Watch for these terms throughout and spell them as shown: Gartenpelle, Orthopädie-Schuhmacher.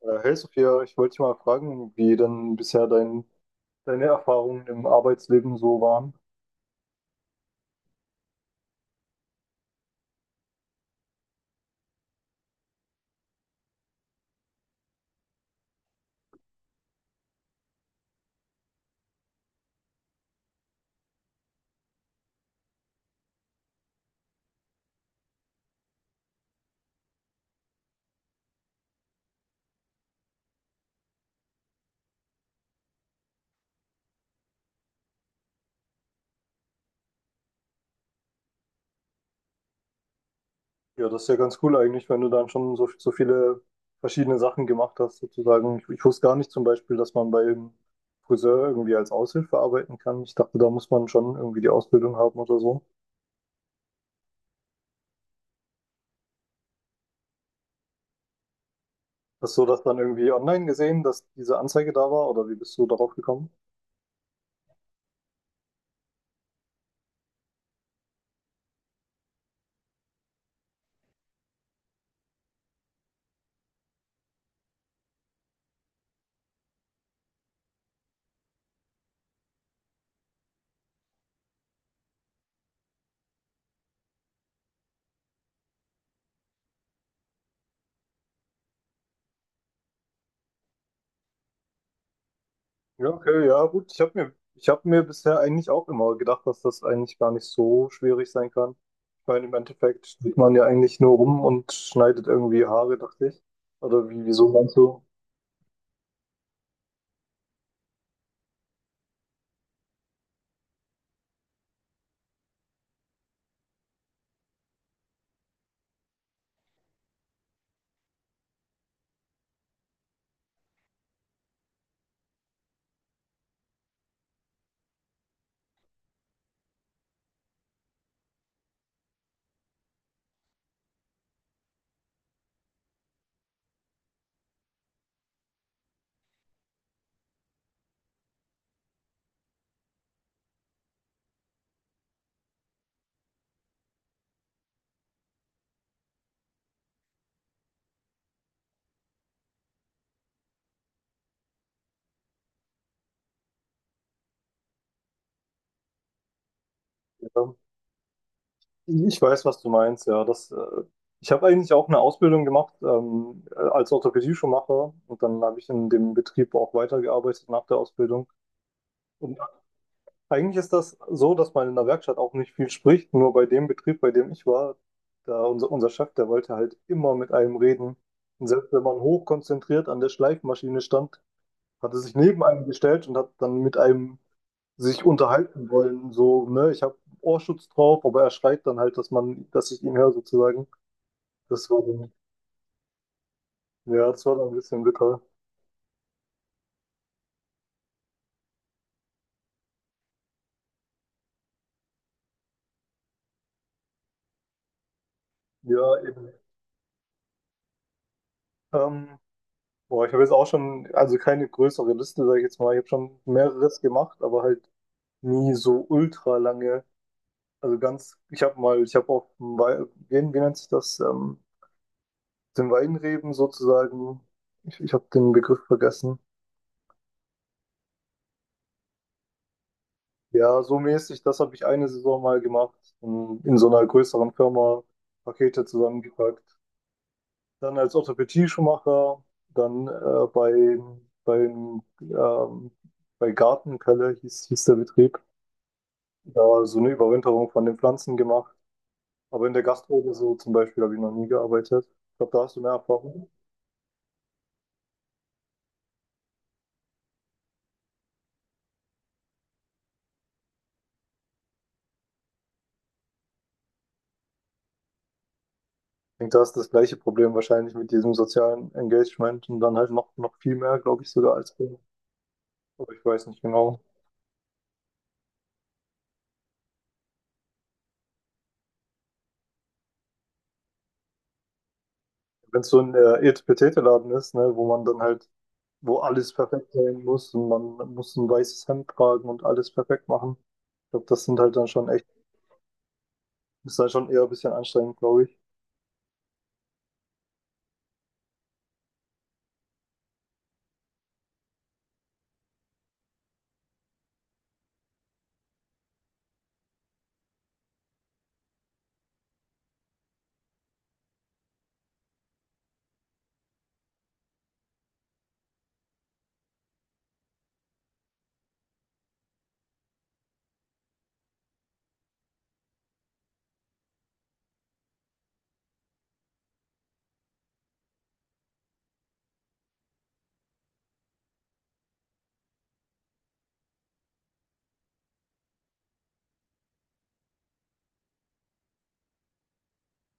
Hey Sophia, ich wollte dich mal fragen, wie denn bisher deine Erfahrungen im Arbeitsleben so waren. Ja, das ist ja ganz cool eigentlich, wenn du dann schon so viele verschiedene Sachen gemacht hast, sozusagen. Ich wusste gar nicht zum Beispiel, dass man beim Friseur irgendwie als Aushilfe arbeiten kann. Ich dachte, da muss man schon irgendwie die Ausbildung haben oder so. Hast du das dann irgendwie online gesehen, dass diese Anzeige da war oder wie bist du darauf gekommen? Ja, okay, ja, gut. Ich hab mir bisher eigentlich auch immer gedacht, dass das eigentlich gar nicht so schwierig sein kann. Ich meine, im Endeffekt steht man ja eigentlich nur rum und schneidet irgendwie Haare, dachte ich. Oder wieso meinst du? Ja. Ich weiß, was du meinst, ja. Ich habe eigentlich auch eine Ausbildung gemacht als Orthopädie-Schuhmacher und dann habe ich in dem Betrieb auch weitergearbeitet nach der Ausbildung. Und eigentlich ist das so, dass man in der Werkstatt auch nicht viel spricht. Nur bei dem Betrieb, bei dem ich war, da unser Chef, der wollte halt immer mit einem reden. Und selbst wenn man hochkonzentriert an der Schleifmaschine stand, hat er sich neben einem gestellt und hat dann mit einem sich unterhalten wollen. So, ne, ich habe Ohrschutz drauf, aber er schreit dann halt, dass ich ihn höre sozusagen. Das war dann, ja, das war dann ein bisschen bitter. Ja, eben. Ähm, boah, ich habe jetzt auch schon, also keine größere Liste, sage ich jetzt mal. Ich habe schon mehreres gemacht, aber halt nie so ultra lange. Ich habe auch, wie nennt sich das? Den Weinreben sozusagen. Ich habe den Begriff vergessen. Ja, so mäßig, das habe ich eine Saison mal gemacht, in so einer größeren Firma Pakete zusammengepackt. Dann als Orthopädie-Schuhmacher, dann beim, ähm, bei Gartenpelle hieß der Betrieb, da so eine Überwinterung von den Pflanzen gemacht. Aber in der Gastro so zum Beispiel habe ich noch nie gearbeitet. Ich glaube, da hast du mehr Erfahrung. Ich denke, da ist das gleiche Problem wahrscheinlich mit diesem sozialen Engagement und dann halt noch viel mehr, glaube ich, sogar als bei- Aber ich weiß nicht genau. Wenn es so ein Etepetete-Laden ist, ne, wo man dann halt, wo alles perfekt sein muss und man muss ein weißes Hemd tragen und alles perfekt machen. Ich glaube, das sind halt dann schon echt, ist dann schon eher ein bisschen anstrengend, glaube ich.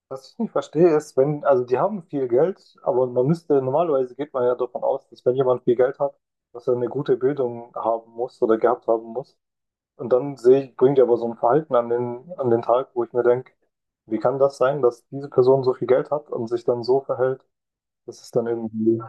Was ich nicht verstehe, ist, wenn, also die haben viel Geld, aber man müsste, normalerweise geht man ja davon aus, dass wenn jemand viel Geld hat, dass er eine gute Bildung haben muss oder gehabt haben muss. Und dann sehe ich, bringt er aber so ein Verhalten an den Tag, wo ich mir denke, wie kann das sein, dass diese Person so viel Geld hat und sich dann so verhält, dass es dann irgendwie,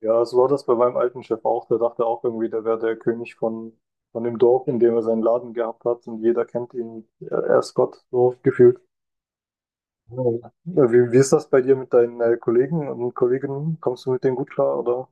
ja, so war das bei meinem alten Chef auch, der dachte auch irgendwie, der wäre der König von dem Dorf, in dem er seinen Laden gehabt hat und jeder kennt ihn, er ist Gott, so gefühlt. Ja, wie ist das bei dir mit deinen Kollegen und Kolleginnen? Kommst du mit denen gut klar, oder?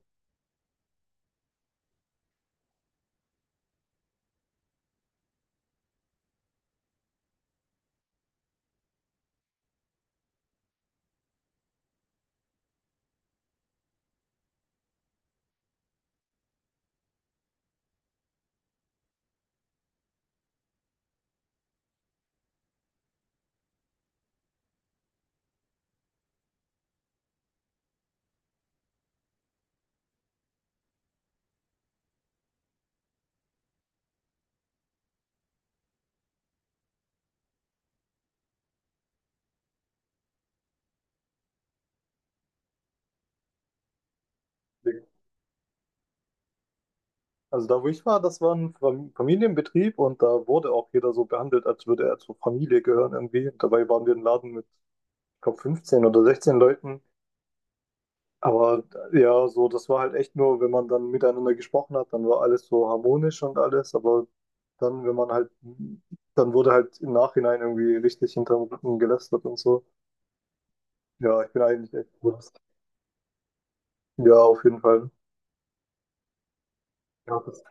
Also da, wo ich war, das war ein Familienbetrieb und da wurde auch jeder so behandelt, als würde er zur Familie gehören irgendwie. Und dabei waren wir ein Laden mit, ich glaube, 15 oder 16 Leuten. Aber ja, so, das war halt echt nur, wenn man dann miteinander gesprochen hat, dann war alles so harmonisch und alles. Aber dann, wenn man halt, dann wurde halt im Nachhinein irgendwie richtig hinterm Rücken gelästert und so. Ja, ich bin eigentlich echt. Gut. Ja, auf jeden Fall. Ja, das,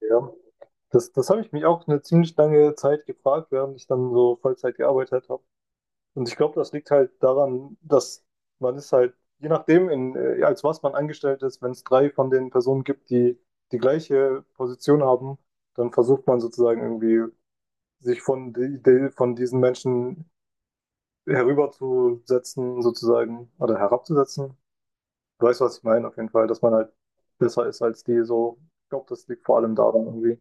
ja. Das habe ich mich auch eine ziemlich lange Zeit gefragt, während ich dann so Vollzeit gearbeitet habe. Und ich glaube, das liegt halt daran, dass man ist halt, je nachdem, als was man angestellt ist, wenn es drei von den Personen gibt, die die gleiche Position haben, dann versucht man sozusagen irgendwie, sich von diesen Menschen herüberzusetzen, sozusagen, oder herabzusetzen. Du weißt, was ich meine, auf jeden Fall, dass man halt besser ist als die so. Ich glaube, das liegt vor allem daran irgendwie.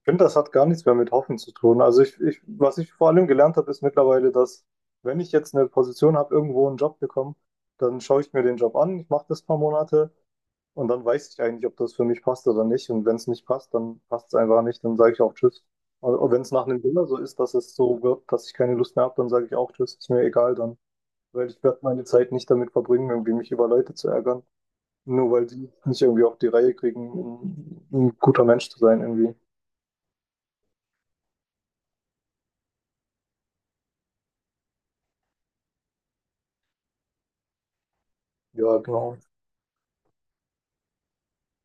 Ich finde, das hat gar nichts mehr mit Hoffen zu tun. Also was ich vor allem gelernt habe, ist mittlerweile, dass wenn ich jetzt eine Position habe, irgendwo einen Job bekomme, dann schaue ich mir den Job an, ich mache das ein paar Monate und dann weiß ich eigentlich, ob das für mich passt oder nicht. Und wenn es nicht passt, dann passt es einfach nicht, dann sage ich auch Tschüss. Und wenn es nach einem Dinner so ist, dass es so wird, dass ich keine Lust mehr habe, dann sage ich auch Tschüss, ist mir egal dann. Weil ich werde meine Zeit nicht damit verbringen, irgendwie mich über Leute zu ärgern. Nur weil die nicht irgendwie auf die Reihe kriegen, ein guter Mensch zu sein irgendwie. Ja, genau.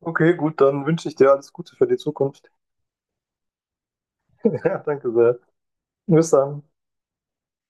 Okay, gut, dann wünsche ich dir alles Gute für die Zukunft. Ja, danke sehr. Bis dann.